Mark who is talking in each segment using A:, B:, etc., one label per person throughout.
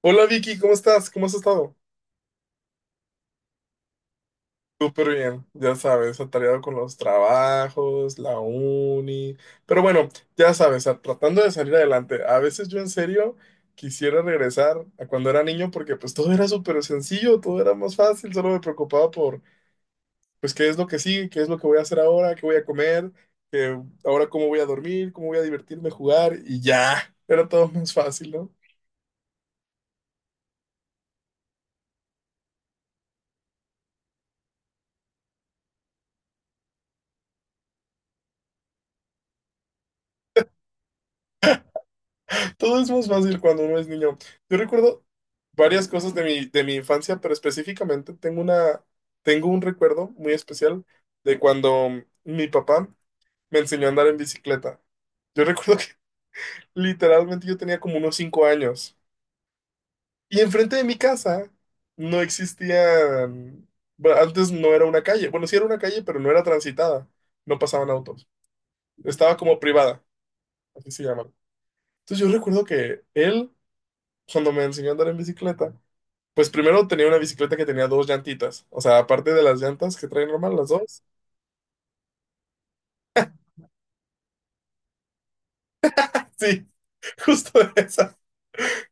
A: Hola Vicky, ¿cómo estás? ¿Cómo has estado? Súper bien, ya sabes, atareado con los trabajos, la uni, pero bueno, ya sabes, tratando de salir adelante. A veces yo en serio quisiera regresar a cuando era niño porque pues todo era súper sencillo, todo era más fácil, solo me preocupaba por pues qué es lo que sigue, qué es lo que voy a hacer ahora, qué voy a comer, ahora cómo voy a dormir, cómo voy a divertirme, jugar y ya, era todo más fácil, ¿no? Todo es más fácil cuando uno es niño. Yo recuerdo varias cosas de mi infancia, pero específicamente tengo una, tengo un recuerdo muy especial de cuando mi papá me enseñó a andar en bicicleta. Yo recuerdo que literalmente yo tenía como unos 5 años. Y enfrente de mi casa no existían, bueno, antes no era una calle. Bueno, sí era una calle, pero no era transitada. No pasaban autos. Estaba como privada, así se llama. Entonces yo recuerdo que él, cuando me enseñó a andar en bicicleta, pues primero tenía una bicicleta que tenía dos llantitas. O sea, aparte de las llantas que traen normal, las dos. Sí, justo esa.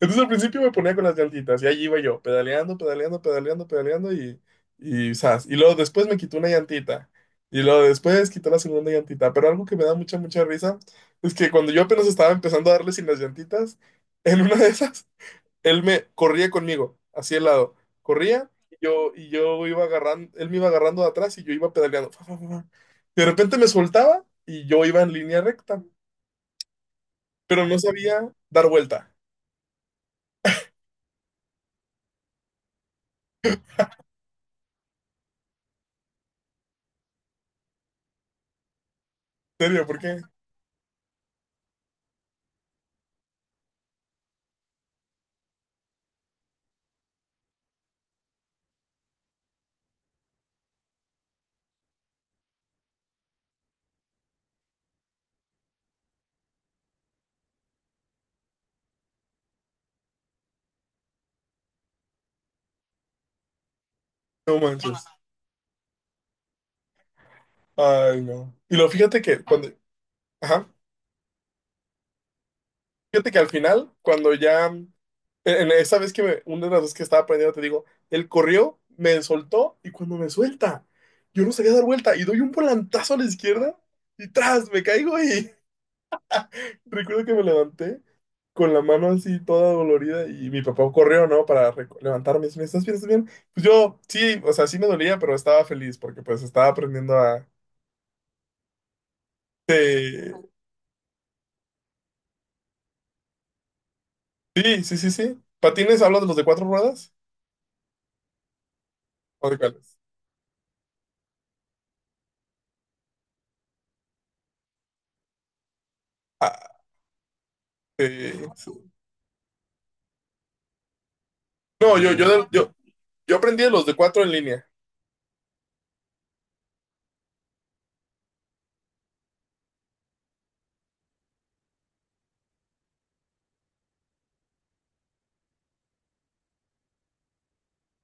A: Entonces al principio me ponía con las llantitas y allí iba yo, pedaleando, pedaleando, pedaleando, pedaleando y zas. Y luego después me quitó una llantita. Y luego después quitó la segunda llantita. Pero algo que me da mucha, mucha risa es que cuando yo apenas estaba empezando a darle sin las llantitas, en una de esas él me corría conmigo, así al lado. Corría y yo, iba agarrando, él me iba agarrando de atrás y yo iba pedaleando. Fa, fa, fa, fa. De repente me soltaba y yo iba en línea recta, pero no sabía dar vuelta. ¿En serio? ¿Por qué? No manches. Ay, no. Y lo fíjate que cuando, ajá, fíjate que al final, cuando ya, en esa vez que me, una de las veces que estaba aprendiendo, te digo, él corrió, me soltó y cuando me suelta, yo no sabía dar vuelta y doy un volantazo a la izquierda y tras, me caigo y recuerdo que me levanté con la mano así toda dolorida y mi papá corrió, ¿no? Para levantarme. Y me, ¿estás bien? ¿Estás bien? Pues yo, sí, o sea, sí me dolía, pero estaba feliz porque pues estaba aprendiendo a... Eh, Sí, sí, sí, sí. ¿Patines hablas de los de cuatro ruedas? ¿O de cuáles? Ah, sí. No, yo aprendí de los de cuatro en línea.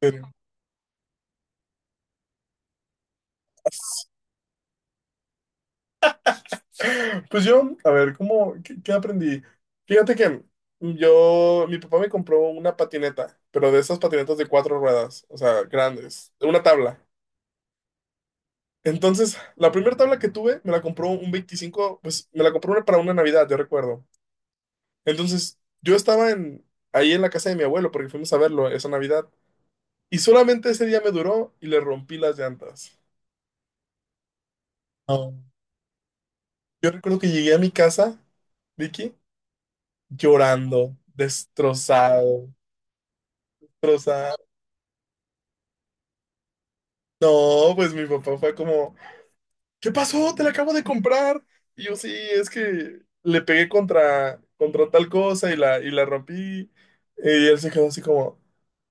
A: Pero- Pues yo, a ver, ¿cómo, qué aprendí? Fíjate que yo, mi papá me compró una patineta, pero de esas patinetas de cuatro ruedas, o sea, grandes, una tabla. Entonces, la primera tabla que tuve me la compró un 25, pues me la compró para una Navidad, yo recuerdo. Entonces, yo estaba en, ahí en la casa de mi abuelo porque fuimos a verlo esa Navidad y solamente ese día me duró y le rompí las llantas. No. Yo recuerdo que llegué a mi casa, Vicky, llorando, destrozado, destrozado. No, pues mi papá fue como, ¿qué pasó? Te la acabo de comprar. Y yo, sí, es que le pegué contra, tal cosa y la rompí. Y él se quedó así como,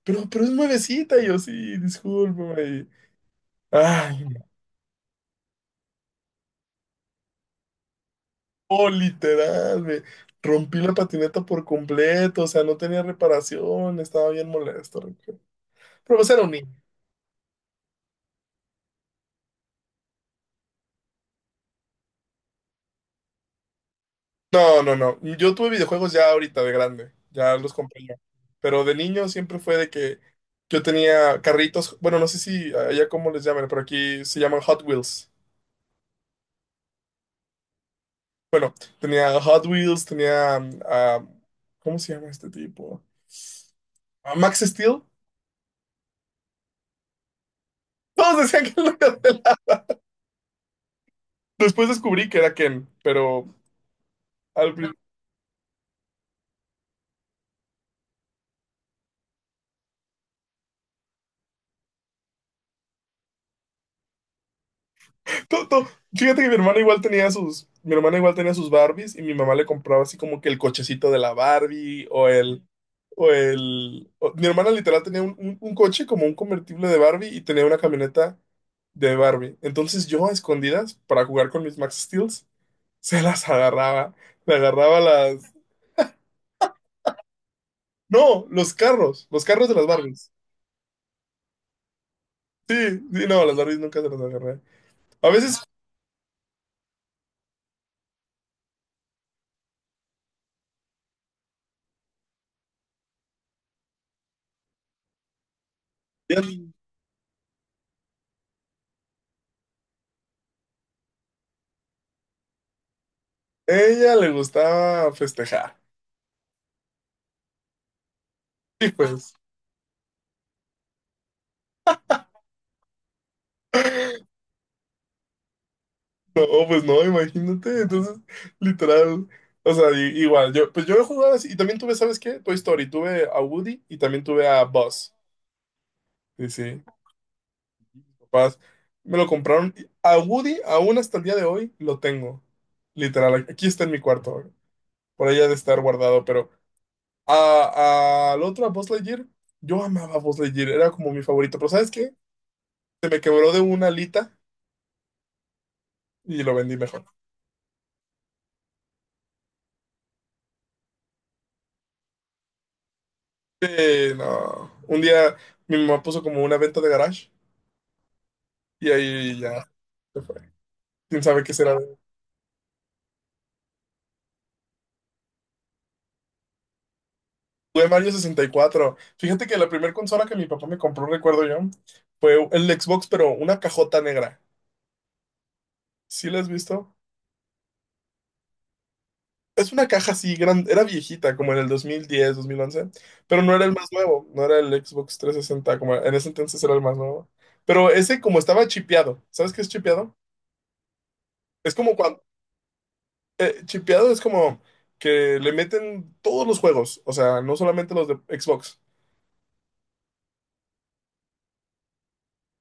A: pero, es nuevecita. Y yo, sí, discúlpame. Y, ay, no, literal, me rompí la patineta por completo. O sea, no tenía reparación, estaba bien molesto. Rico. Pero pues era un niño. No, no, no. Yo tuve videojuegos ya ahorita de grande, ya los compré yo. Pero de niño siempre fue de que yo tenía carritos, bueno, no sé si allá cómo les llaman, pero aquí se llaman Hot Wheels. Bueno, tenía Hot Wheels, tenía, ¿cómo se llama este tipo? Ah, Max Steel. Todos decían que era de la... Después descubrí que era Ken, pero al, pri- to- to- fíjate que mi hermana igual tenía sus Barbies y mi mamá le compraba así como que el cochecito de la Barbie mi hermana literal tenía un, un coche como un convertible de Barbie y tenía una camioneta de Barbie. Entonces yo a escondidas para jugar con mis Max Steels se las agarraba, le agarraba las, no, los carros de las Barbies. Sí, sí, no, las Barbies nunca se las agarré. A veces ella ella le gustaba festejar. Sí, pues. No, pues no, imagínate. Entonces, literal. O sea, igual, yo, pues yo he jugado así. Y también tuve, ¿sabes qué? Toy Story. Tuve a Woody y también tuve a Buzz. Sí, sí. Mis papás me lo compraron. Y a Woody, aún hasta el día de hoy, lo tengo. Literal, aquí está en mi cuarto. Por ahí ha de estar guardado. Pero a- al otro, a Buzz Lightyear, yo amaba a Buzz Lightyear. Era como mi favorito. Pero ¿sabes qué? Se me quebró de una alita y lo vendí mejor. No. Un día mi mamá puso como una venta de garage. Y ahí ya se fue. ¿Quién sabe qué será? Jugué Mario 64. Fíjate que la primera consola que mi papá me compró, recuerdo yo, fue el Xbox, pero una cajota negra. ¿Sí la has visto? Es una caja así grande, era viejita, como en el 2010, 2011, pero no era el más nuevo, no era el Xbox 360, como en ese entonces era el más nuevo. Pero ese como estaba chipeado, ¿sabes qué es chipeado? Es como cuando, chipeado es como que le meten todos los juegos, o sea, no solamente los de Xbox.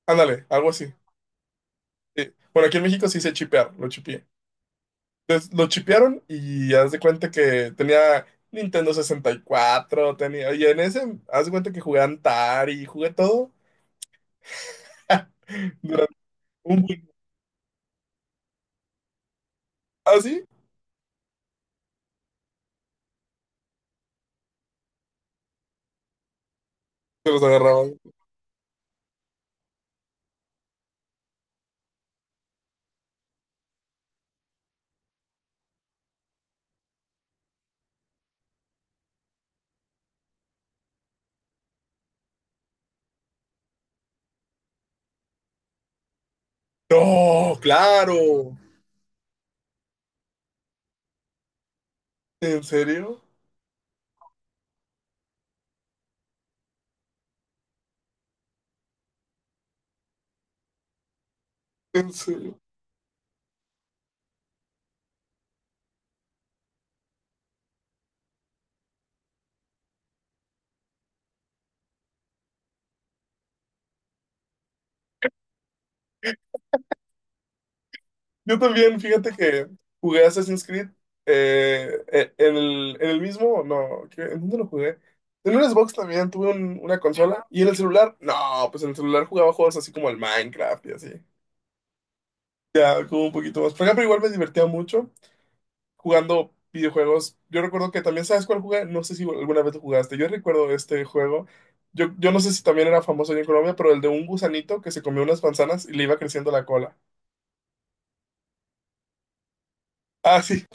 A: Ándale, algo así. Sí. Bueno, aquí en México sí se chipear, lo chipié. Entonces lo chipearon y haz de cuenta que tenía Nintendo 64 tenía. Y en ese, haz de cuenta que jugué Antari, jugué todo durante un buen. ¿Ah, sí? Se los agarraban. No, claro. ¿En serio? ¿En serio? Yo también, fíjate que jugué Assassin's Creed, en el, mismo, no, ¿qué? ¿En dónde lo jugué? En un Xbox también, tuve una consola. ¿Y en el celular? No, pues en el celular jugaba juegos así como el Minecraft y así. Ya, como un poquito más. Por ejemplo, igual me divertía mucho jugando videojuegos. Yo recuerdo que también, ¿sabes cuál jugué? No sé si alguna vez lo jugaste. Yo recuerdo este juego. Yo no sé si también era famoso allá en Colombia, pero el de un gusanito que se comió unas manzanas y le iba creciendo la cola. Ah, sí,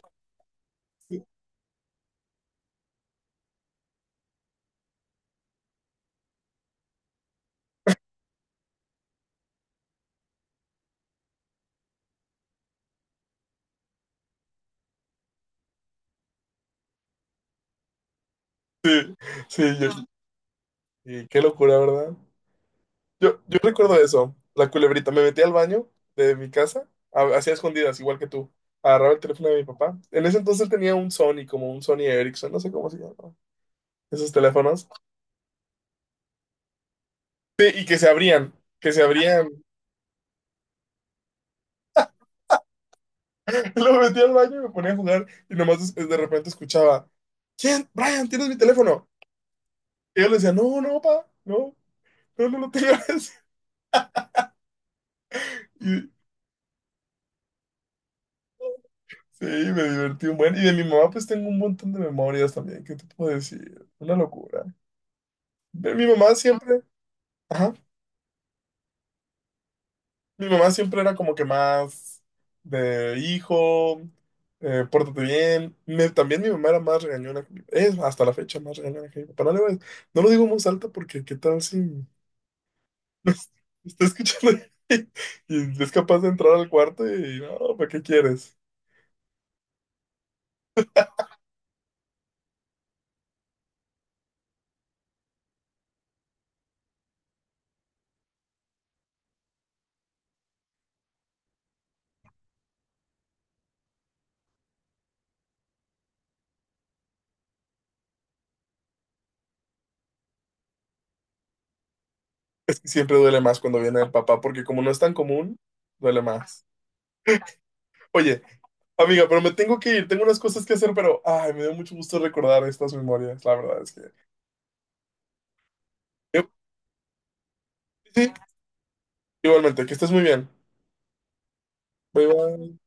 A: sí, sí, y qué locura, ¿verdad? Yo recuerdo eso, la culebrita. Me metí al baño de mi casa, hacía escondidas, igual que tú. Agarraba el teléfono de mi papá. En ese entonces tenía un Sony, como un Sony Ericsson, no sé cómo se llamaba. Esos teléfonos. Sí, y que se abrían. Lo metí al baño y me ponía a jugar y nomás de repente escuchaba, ¿quién? Brian, ¿tienes mi teléfono? Y yo le decía, no, no, papá, no, no, no lo tengas. Y sí, me divertí un buen. Y de mi mamá pues tengo un montón de memorias también, ¿qué te puedo decir? Una locura. Mi mamá siempre, ajá, mi mamá siempre era como que más de hijo, pórtate bien. También mi mamá era más regañona, que es hasta la fecha más regañona que mi papá. No, no lo digo en voz alta porque qué tal si nos está escuchando y es capaz de entrar al cuarto y no, ¿para qué quieres? Es que siempre duele más cuando viene el papá porque como no es tan común, duele más. Oye, amiga, pero me tengo que ir, tengo unas cosas que hacer, pero ay, me dio mucho gusto recordar estas memorias, la verdad es que... Qué sí, sí, sí. Igualmente, que estés muy bien. Bye bye.